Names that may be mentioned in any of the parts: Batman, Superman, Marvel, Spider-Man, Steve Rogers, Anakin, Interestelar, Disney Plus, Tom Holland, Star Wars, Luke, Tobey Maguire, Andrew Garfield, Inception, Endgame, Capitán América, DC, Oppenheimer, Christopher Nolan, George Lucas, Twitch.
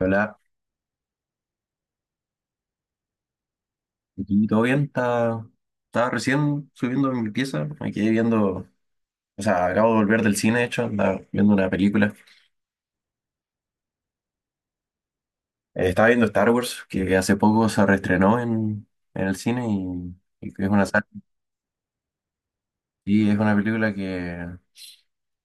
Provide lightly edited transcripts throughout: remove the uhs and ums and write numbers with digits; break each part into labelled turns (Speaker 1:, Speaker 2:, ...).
Speaker 1: Hola, aquí todo bien, está estaba recién subiendo en mi pieza, me quedé viendo, o sea, acabo de volver del cine, de hecho, andaba viendo una película. Estaba viendo Star Wars, que hace poco se reestrenó en el cine y que es una y es una película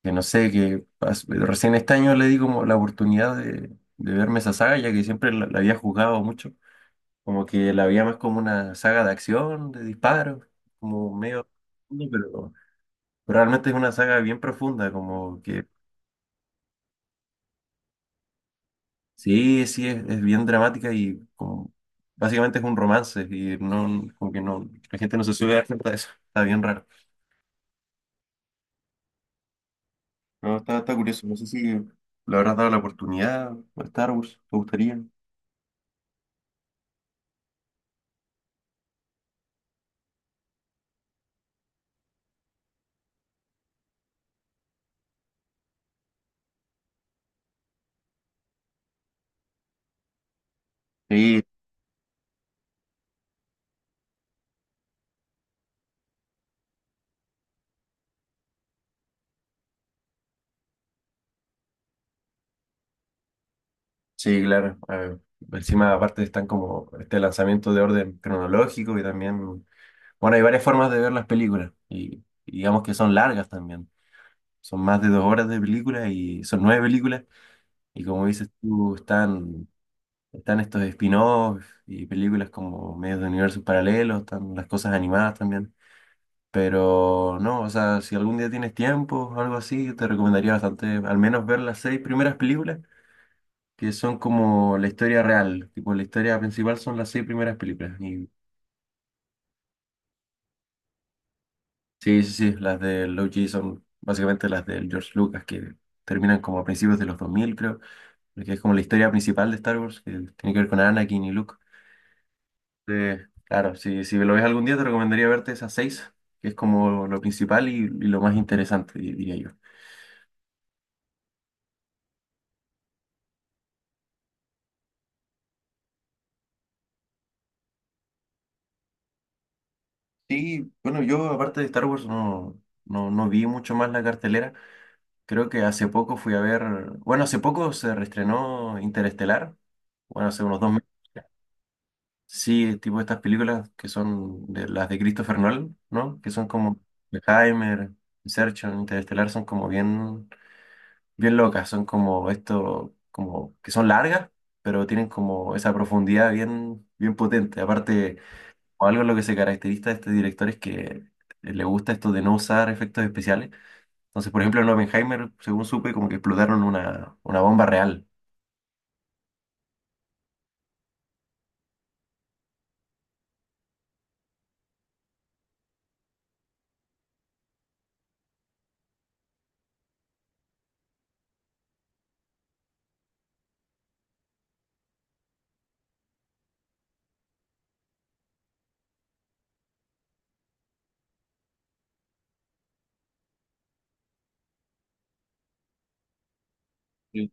Speaker 1: que no sé, recién este año le di como la oportunidad de verme esa saga, ya que siempre la había juzgado mucho, como que la había más como una saga de acción, de disparos, como medio, pero pero realmente es una saga bien profunda, como que sí, es bien dramática y como básicamente es un romance y no, como que no, la gente no se suele dar cuenta de eso. Está bien raro. No, está curioso. No sé si le habrás dado la oportunidad a Star Wars, ¿te gustaría? Sí, sí, claro. Encima, aparte están como este lanzamiento de orden cronológico y también, bueno, hay varias formas de ver las películas y digamos que son largas también. Son más de 2 horas de película y son nueve películas. Y como dices tú, están estos spin-offs y películas como medios de universos paralelos, están las cosas animadas también. Pero no, o sea, si algún día tienes tiempo o algo así, te recomendaría bastante al menos ver las seis primeras películas, que son como la historia real. Tipo, la historia principal son las seis primeras películas. Y sí, sí, sí, las de Loki son básicamente las del George Lucas, que terminan como a principios de los 2000 creo, porque es como la historia principal de Star Wars, que tiene que ver con Anakin y Luke. Claro, si lo ves algún día te recomendaría verte esas seis, que es como lo principal y lo más interesante, diría yo. Sí, bueno, yo aparte de Star Wars no vi mucho más la cartelera. Creo que hace poco fui a ver, bueno, hace poco se reestrenó Interestelar, bueno, hace unos 2 meses. Sí, tipo estas películas que son de, las de Christopher Nolan, ¿no? Que son como Oppenheimer, Inception, Interestelar, son como bien locas, son como esto, como que son largas, pero tienen como esa profundidad bien potente. Aparte, o algo en lo que se caracteriza a este director es que le gusta esto de no usar efectos especiales. Entonces, por ejemplo, en Oppenheimer, según supe, como que explotaron una bomba real. Sí,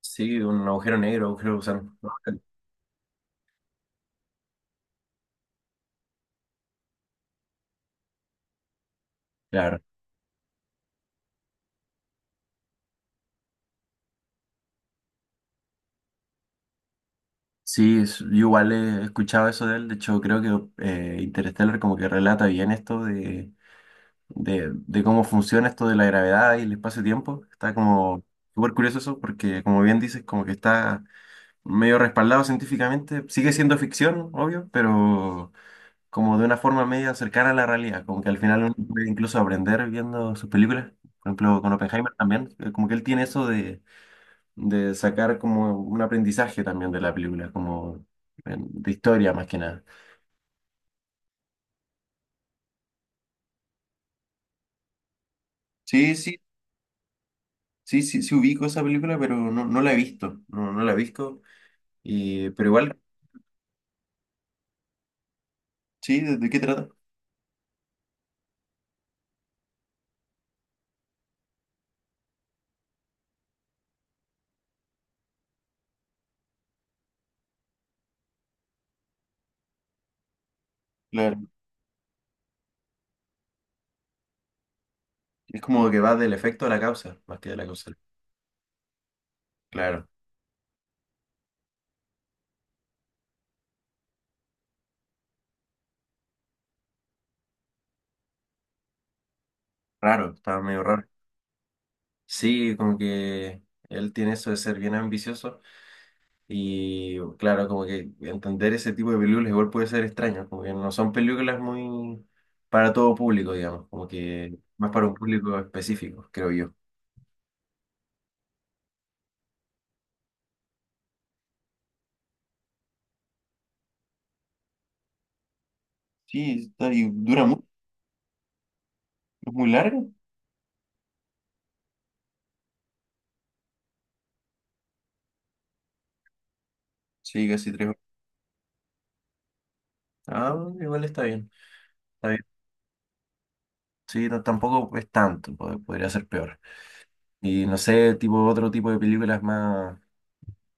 Speaker 1: sí, un agujero negro, agujero de gusano. Claro. Yo igual he escuchado eso de él. De hecho, creo que Interstellar como que relata bien esto de cómo funciona esto de la gravedad y el espacio-tiempo. Está como súper curioso eso, porque como bien dices, como que está medio respaldado científicamente. Sigue siendo ficción, obvio, pero como de una forma media cercana a la realidad. Como que al final uno puede incluso aprender viendo sus películas. Por ejemplo, con Oppenheimer también, como que él tiene eso de sacar como un aprendizaje también de la película, como de historia más que nada. Sí, sí, sí ubico esa película, pero no la he visto. No la he visto. Pero igual, sí, ¿de qué trata? Claro. Es como que va del efecto a la causa, más que de la causa. Claro, raro, estaba medio raro. Sí, como que él tiene eso de ser bien ambicioso y claro, como que entender ese tipo de películas igual puede ser extraño, como que no son películas muy para todo público, digamos, como que más para un público específico, creo yo. Y dura mucho, es muy largo. Sí, casi 3 horas. Ah, igual está bien, está bien. Sí, tampoco es tanto, podría ser peor. Y no sé, tipo otro tipo de películas más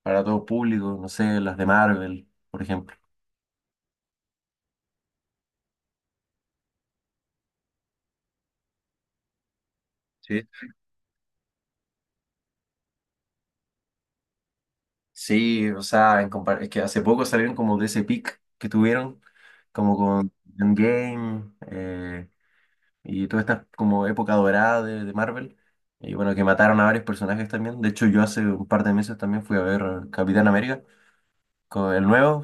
Speaker 1: para todo público, no sé, las de Marvel, por ejemplo. Sí. Sí, o sea, es que hace poco salieron como de ese pic que tuvieron, como con Endgame y toda esta como época dorada de Marvel. Y bueno, que mataron a varios personajes también. De hecho, yo hace un par de meses también fui a ver Capitán América, con el nuevo,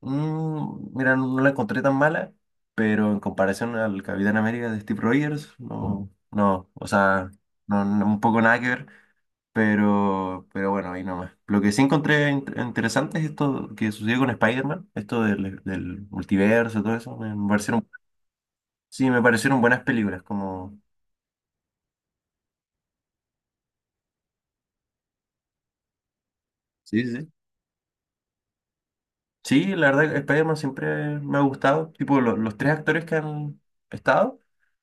Speaker 1: mm, mira, no la encontré tan mala, pero en comparación al Capitán América de Steve Rogers, no, o sea, un poco nada que ver, pero bueno, ahí nomás. Lo que sí encontré interesante es esto que sucedió con Spider-Man, esto del multiverso, todo eso, me parecieron, sí, me parecieron buenas películas, como... Sí, sí. Sí, la verdad, Spider-Man siempre me ha gustado. Tipo, los tres actores que han estado,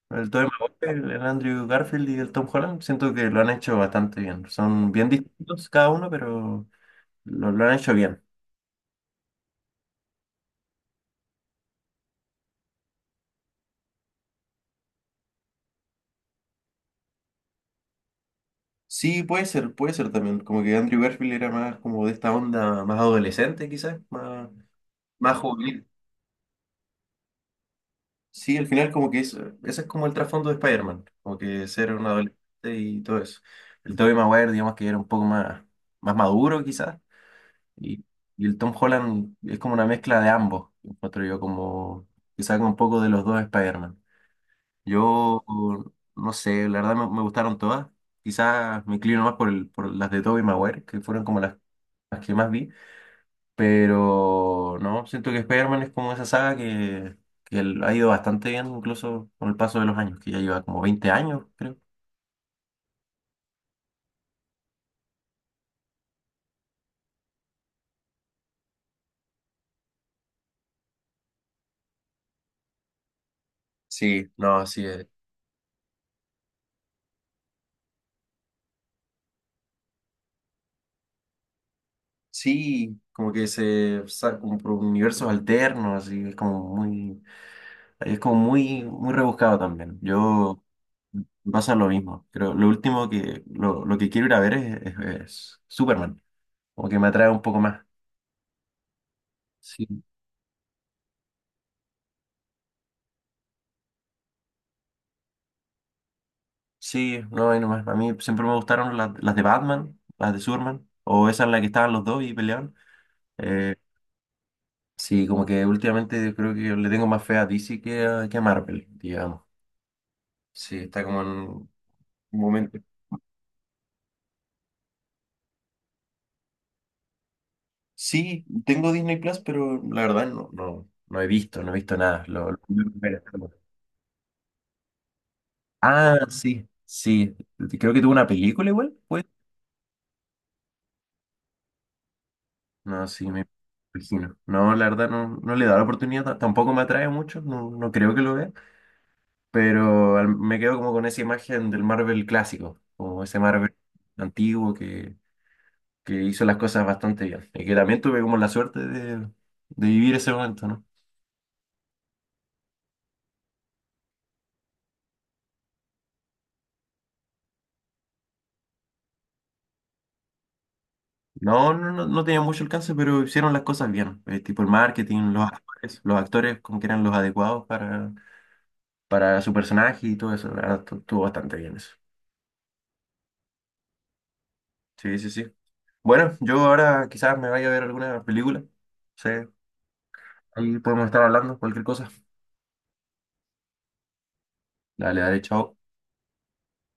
Speaker 1: el Tobey Maguire, el Andrew Garfield y el Tom Holland, siento que lo han hecho bastante bien. Son bien distintos cada uno, pero lo han hecho bien. Sí, puede ser también. Como que Andrew Garfield era más como de esta onda más adolescente, quizás, más juvenil. Sí, al final como que es, ese es como el trasfondo de Spider-Man, como que ser un adolescente y todo eso. El Tobey Maguire, digamos que era un poco más maduro, quizás. Y, y el Tom Holland es como una mezcla de ambos, encuentro yo, como que saca un poco de los dos Spider-Man. Yo no sé, la verdad me gustaron todas. Quizás me inclino más por las de Tobey Maguire, que fueron como las que más vi. Pero no, siento que Spider-Man es como esa saga que ha ido bastante bien, incluso con el paso de los años, que ya lleva como 20 años, creo. Sí, no, así es. Sí, como que como por universos alternos, así es como muy, es como muy, muy rebuscado también. Yo me pasa lo mismo. Creo lo último lo que quiero ir a ver es Superman. Como que me atrae un poco más. Sí. Sí, no, y nomás. A mí siempre me gustaron las de Batman, las de Superman, o esa en la que estaban los dos y peleaban. Eh, sí, como que últimamente yo creo que le tengo más fe a DC que a Marvel, digamos. Sí, está como en un momento. Sí, tengo Disney Plus, pero la verdad no he visto, no he visto nada. Ah, sí, sí. Creo que tuvo una película igual, pues. No, sí, me imagino. No, la verdad no, no le he dado la oportunidad, tampoco me atrae mucho, no creo que lo vea, pero me quedo como con esa imagen del Marvel clásico, como ese Marvel antiguo que hizo las cosas bastante bien y que también tuve como la suerte de vivir ese momento, ¿no? No, no, no, no tenía mucho alcance, pero hicieron las cosas bien, tipo el marketing, los actores como que eran los adecuados para su personaje y todo eso. La verdad, estuvo bastante bien eso. Sí, sí, sí. Bueno, yo ahora quizás me vaya a ver alguna película. No sé, ahí podemos estar hablando, cualquier cosa. Dale, dale, chao.